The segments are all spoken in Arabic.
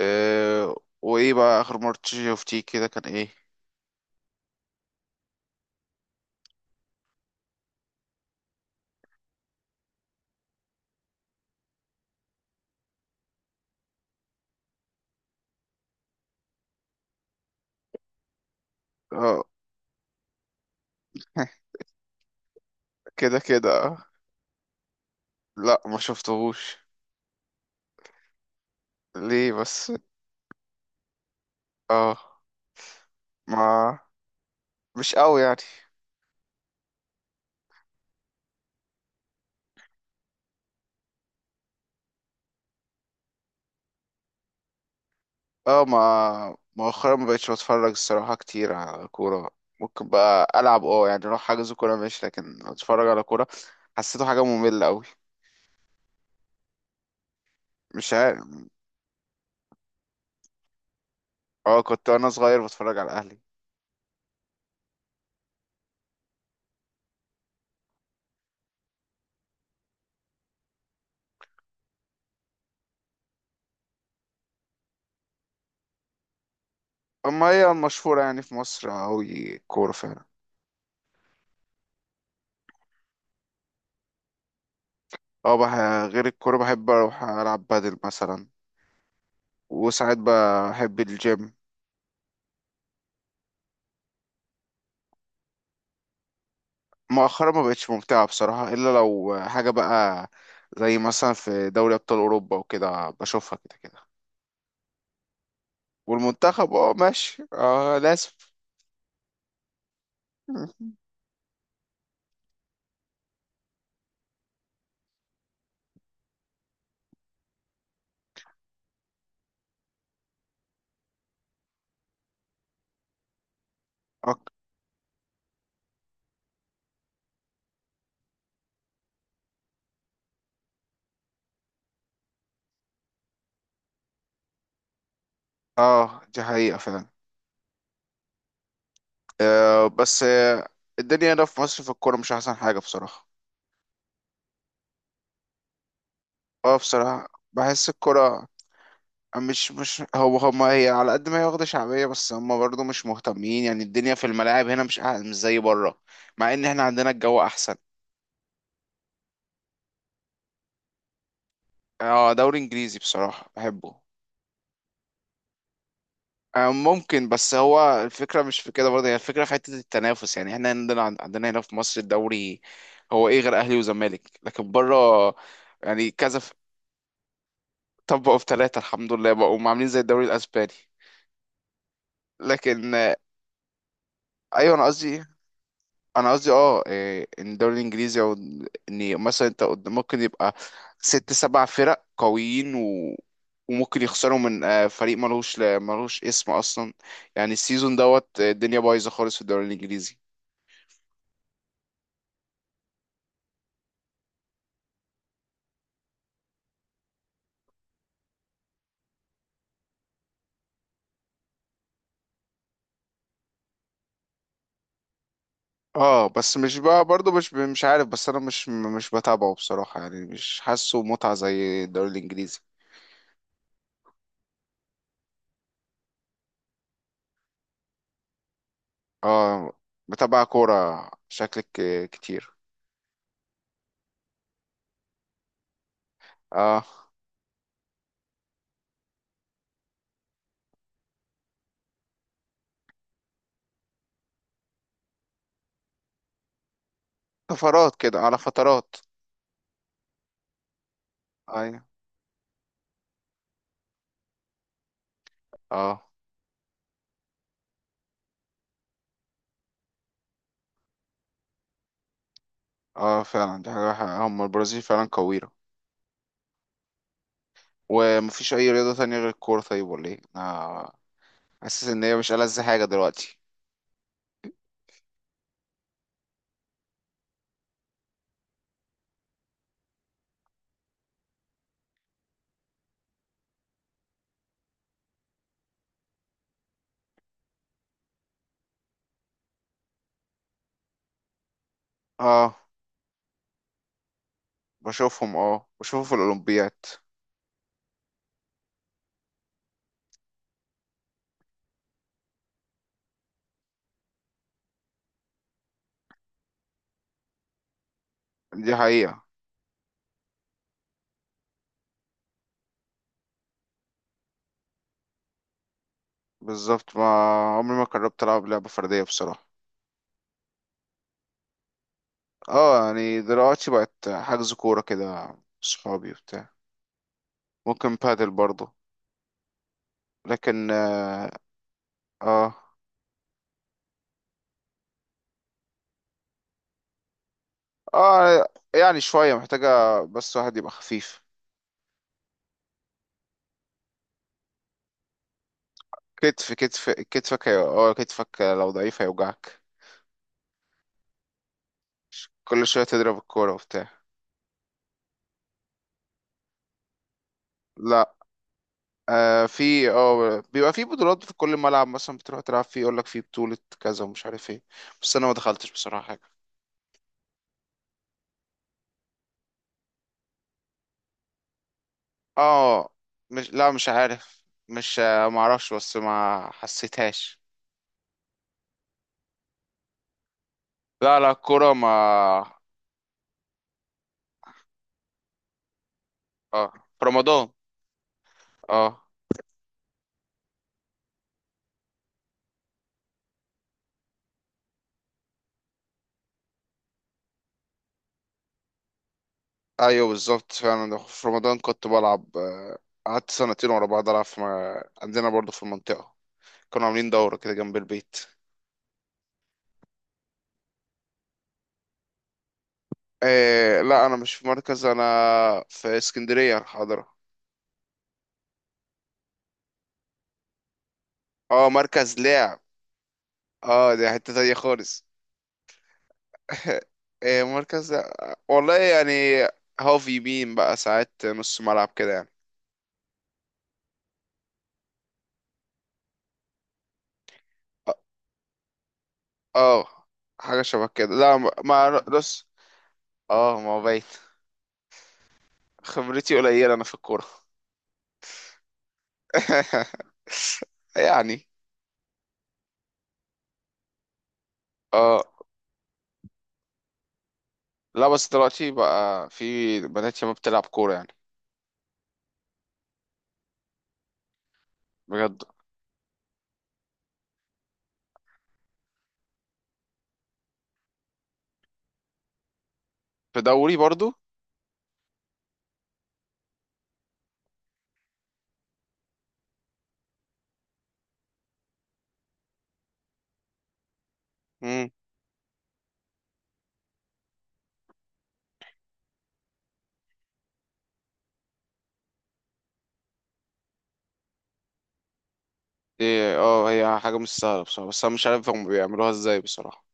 أه، وايه بقى اخر مرة شفتيه كده كان ايه؟ اه. كده كده آه. لا، ما شفتهوش. ليه بس؟ اه. ما مش قوي يعني. اه، ما مؤخرا ما بقتش بتفرج الصراحة كتير على كورة. ممكن بقى ألعب، يعني أروح حاجز كورة ماشي، لكن أتفرج على كورة حسيته حاجة مملة أوي. مش عارف. اه، كنت وأنا صغير بتفرج على الأهلي. أما هي المشهورة يعني في مصر أوي كورة فعلا. اه، غير الكورة بحب أروح ألعب بادل مثلا، وساعات بحب الجيم. مؤخرا ما بقتش ممتعة بصراحة، إلا لو حاجة بقى زي مثلا في دوري أبطال أوروبا وكده بشوفها كده كده. والمنتخب اه، ماشي، اه لازم. أك- اه، دي حقيقة فعلا. آه، بس الدنيا هنا في مصر في الكورة مش أحسن حاجة بصراحة. اه بصراحة، بحس الكورة مش هو هما هي، على قد ما هي واخدة شعبية بس هما برضو مش مهتمين. يعني الدنيا في الملاعب هنا مش زي بره، مع إن احنا عندنا الجو أحسن. اه، دوري انجليزي بصراحة بحبه. آه، ممكن، بس هو الفكرة مش في كده برضه، هي الفكرة في حتة التنافس. يعني احنا عندنا هنا في مصر الدوري هو ايه غير اهلي وزمالك، لكن بره يعني كذا طبقوا في ثلاثة الحمد لله، بقوا عاملين زي الدوري الاسباني. لكن ايوه انا قصدي، انا قصدي اه إيه، ان الدوري الانجليزي او ان مثلا انت ممكن يبقى ست سبع فرق قويين و... وممكن يخسروا من فريق ملوش اسم اصلا. يعني السيزون دوت الدنيا بايظه خالص في الدوري الانجليزي. اه، بس مش بقى برضه مش عارف، بس انا مش بتابعه بصراحه، يعني مش حاسه متعه زي الدوري الانجليزي. اه. بتابع كوره شكلك كتير. اه، طفرات كده على فترات. ايوه، اه، اه فعلا دي حاجة حقيقة. هم البرازيل فعلا قوية. ومفيش أي رياضة تانية غير الكورة طيب ولا ايه؟ أنا حاسس إن هي مش ألذ حاجة دلوقتي. اه، بشوفهم في الأولمبياد. دي حقيقة. بالظبط، ما عمري ما جربت ألعب لعبة فردية بصراحة. اه، يعني دلوقتي بقت حجز كورة كده صحابي وبتاع. ممكن بادل برضه، لكن اه آه، يعني شوية محتاجة، بس واحد يبقى خفيف. كتف كتف كتفك هي- اه كتفك لو ضعيف هيوجعك، كل شوية تضرب الكورة وبتاع. لا، آه في اه بيبقى في بطولات في كل ملعب مثلا بتروح تلعب فيه، يقول لك في بطولة كذا ومش عارف ايه، بس انا ما دخلتش بصراحة. اه، مش لا مش عارف. مش ما اعرفش، بس ما حسيتهاش. لا، لا، الكوره ما. اه، في رمضان. اه، ايوه بالظبط فعلا في رمضان كنت بلعب، قعدت سنتين ورا بعض العب في عندنا برضه في المنطقه، كانوا عاملين دوره كده جنب البيت. إيه، لا انا مش في مركز، انا في اسكندريه الحاضره. اه، مركز لعب. اه، دي حته تانية خالص. إيه، مركز، والله يعني هاف يمين بقى ساعات نص ملعب كده يعني. اه، حاجة شبه كده. لا، بص. اه، ما هو بايت، خبرتي قليلة انا في الكورة. يعني اه. لا بس دلوقتي بقى في بنات شباب بتلعب كورة يعني. بجد. في دوري برضو. امم. إيه اه هي حاجة مش سهلة بصراحة، بس انا مش عارف هم بيعملوها ازاي بصراحة.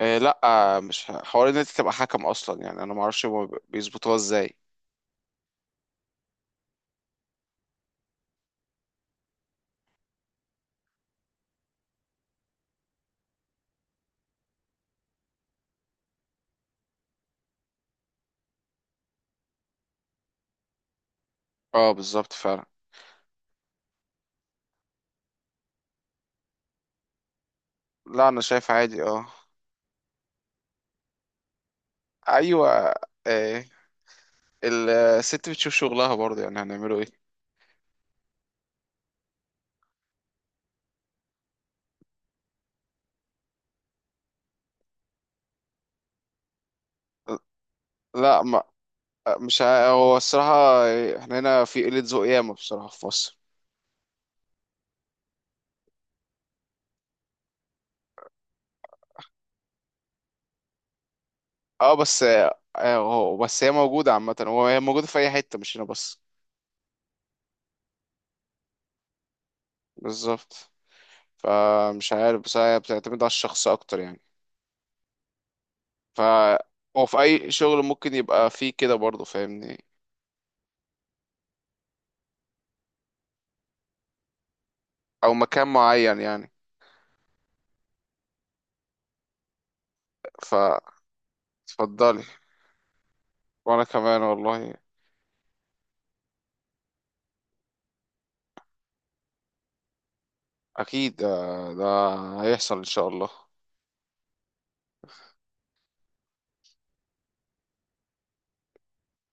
إيه، لا مش حوار ان انت تبقى حكم اصلا، يعني انا ما اعرفش هم بيظبطوها ازاي. اه، بالظبط فعلا. لا، انا شايف عادي. اه، ايوه. آه. الست بتشوف شغلها برضه، يعني هنعمله ايه؟ لا، ما مش ع- هو الصراحة احنا هنا في قلة ذوق ياما بصراحة في مصر. اه، بس بس هي موجودة عامة، هي موجودة في أي حتة مش هنا بس. بالظبط، فمش عارف، بس هي بتعتمد على الشخص أكتر يعني. ف، هو في أي شغل ممكن يبقى فيه كده برضه فاهمني، أو مكان معين يعني. ف اتفضلي. وأنا كمان والله، اكيد ده هيحصل ان شاء الله.